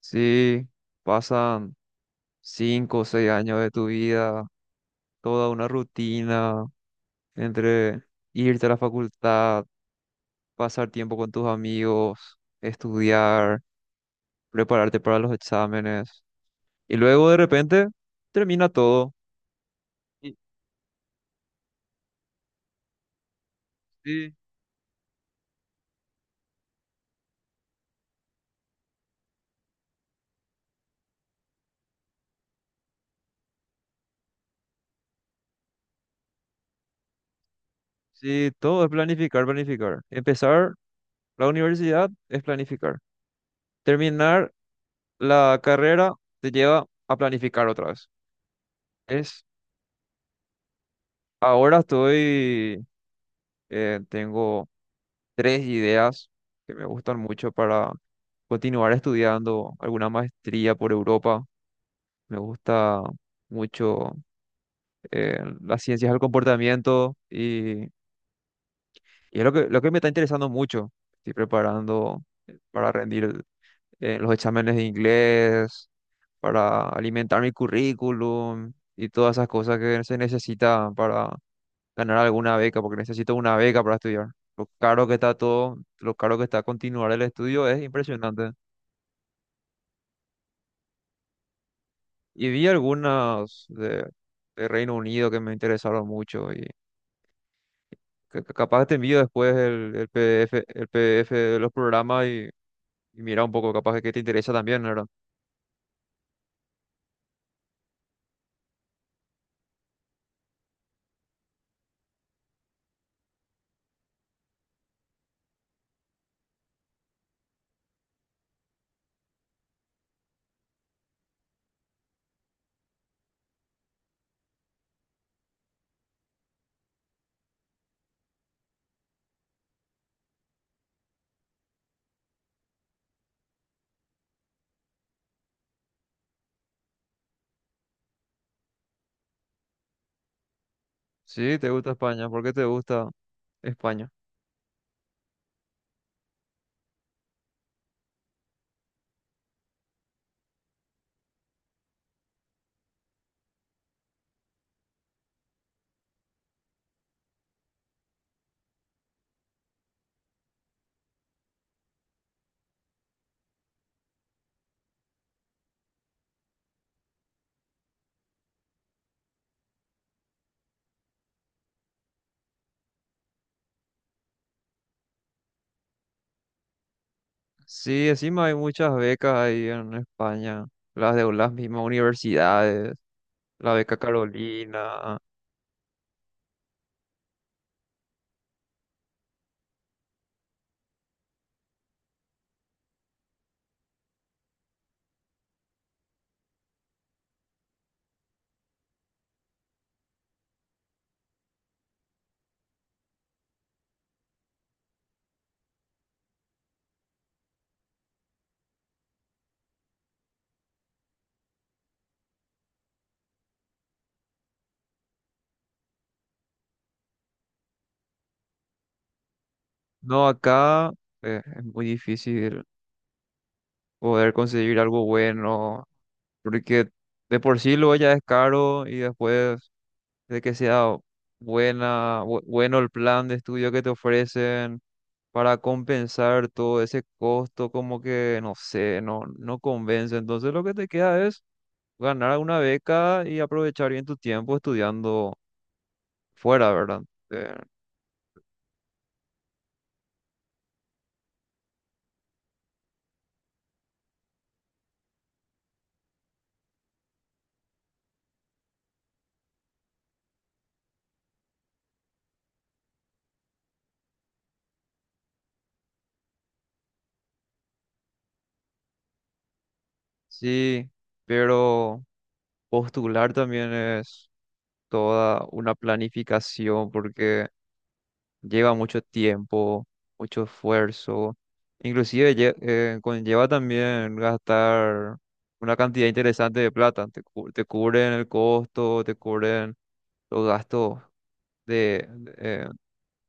Sí, pasan cinco o seis años de tu vida, toda una rutina entre irte a la facultad, pasar tiempo con tus amigos, estudiar, prepararte para los exámenes. Y luego de repente termina todo. Y- sí, sí, todo es planificar, planificar. Empezar la universidad es planificar. Terminar la carrera te lleva a planificar otra vez. Es, ahora estoy, tengo tres ideas que me gustan mucho para continuar estudiando alguna maestría por Europa. Me gusta mucho las ciencias del comportamiento y es lo que me está interesando mucho. Estoy preparando para rendir los exámenes de inglés, para alimentar mi currículum y todas esas cosas que se necesitan para ganar alguna beca, porque necesito una beca para estudiar. Lo caro que está todo, lo caro que está continuar el estudio es impresionante. Y vi algunas de Reino Unido que me interesaron mucho y capaz te envío después el PDF, el PDF de los programas y mira un poco, capaz que te interesa también, ¿verdad? Sí, te gusta España, ¿por qué te gusta España? Sí, encima hay muchas becas ahí en España, las de las mismas universidades, la beca Carolina. No, acá es muy difícil poder conseguir algo bueno porque de por sí luego ya es caro y después de que sea buena, bueno el plan de estudio que te ofrecen para compensar todo ese costo, como que, no sé, no convence. Entonces lo que te queda es ganar una beca y aprovechar bien tu tiempo estudiando fuera, ¿verdad? Eh, Sí, pero postular también es toda una planificación porque lleva mucho tiempo, mucho esfuerzo, inclusive conlleva también gastar una cantidad interesante de plata, te cubren el costo, te cubren los gastos de, de, eh,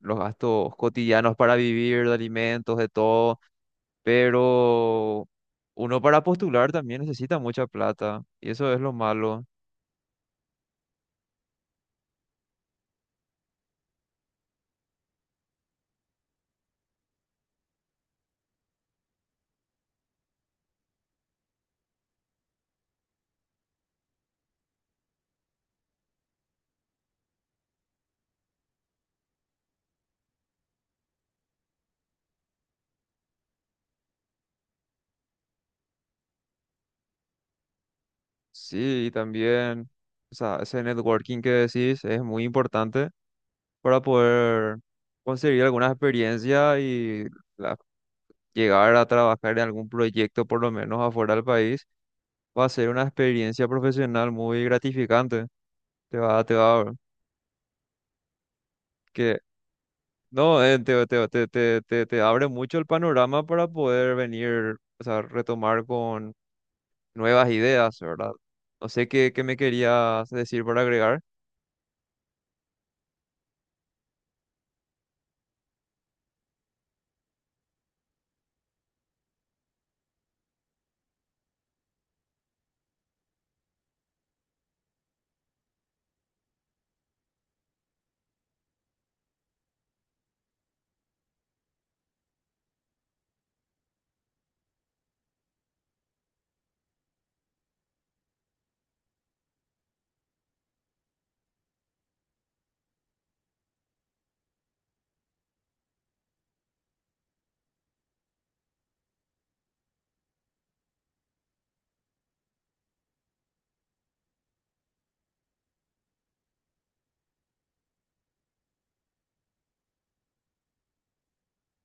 los gastos cotidianos para vivir, de alimentos, de todo, pero uno para postular también necesita mucha plata y eso es lo malo. Sí, y también, o sea, ese networking que decís es muy importante para poder conseguir alguna experiencia y la- llegar a trabajar en algún proyecto, por lo menos afuera del país, va a ser una experiencia profesional muy gratificante. Te va, que, no, te, te, te, te, te, te abre mucho el panorama para poder venir, o sea, retomar con nuevas ideas, ¿verdad? No sé qué me querías decir para agregar.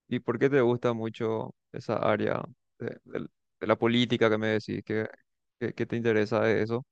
Y por qué te gusta mucho esa área de, del- de la política que me decís, que te interesa de eso.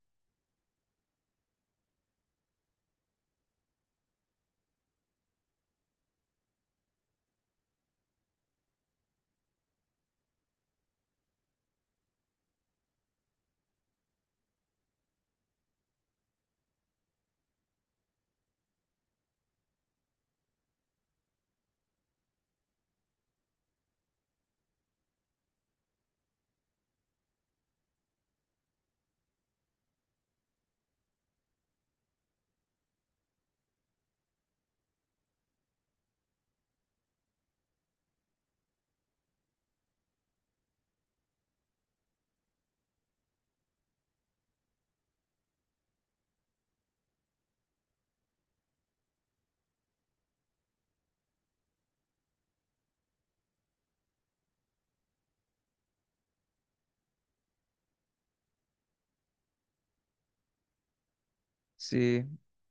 Sí,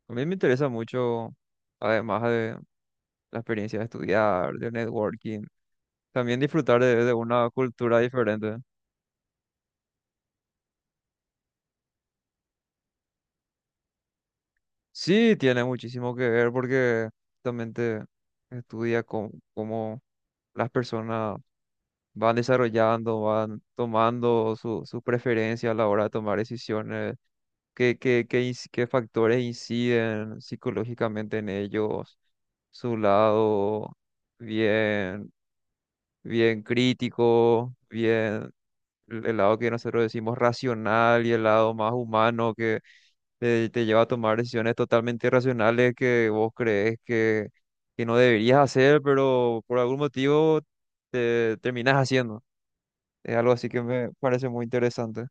a mí me interesa mucho, además de la experiencia de estudiar, de networking, también disfrutar de una cultura diferente. Sí, tiene muchísimo que ver porque justamente estudia cómo las personas van desarrollando, van tomando sus preferencias a la hora de tomar decisiones, qué factores inciden psicológicamente en ellos, su lado bien. bien crítico, bien el lado que nosotros decimos racional y el lado más humano que te lleva a tomar decisiones totalmente irracionales que vos crees que no deberías hacer, pero por algún motivo te terminas haciendo. Es algo así que me parece muy interesante.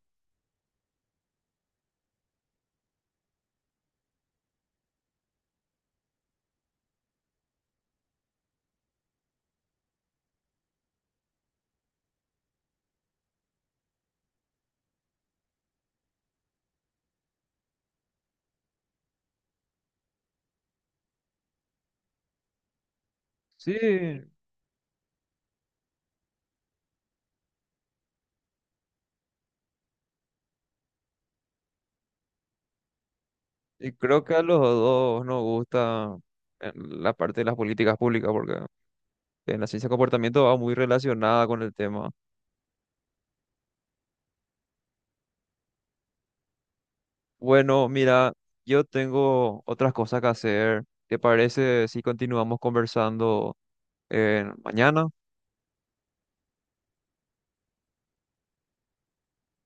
Sí, y creo que a los dos nos gusta la parte de las políticas públicas, porque en la ciencia de comportamiento va muy relacionada con el tema. Bueno, mira, yo tengo otras cosas que hacer. ¿Te parece si continuamos conversando mañana?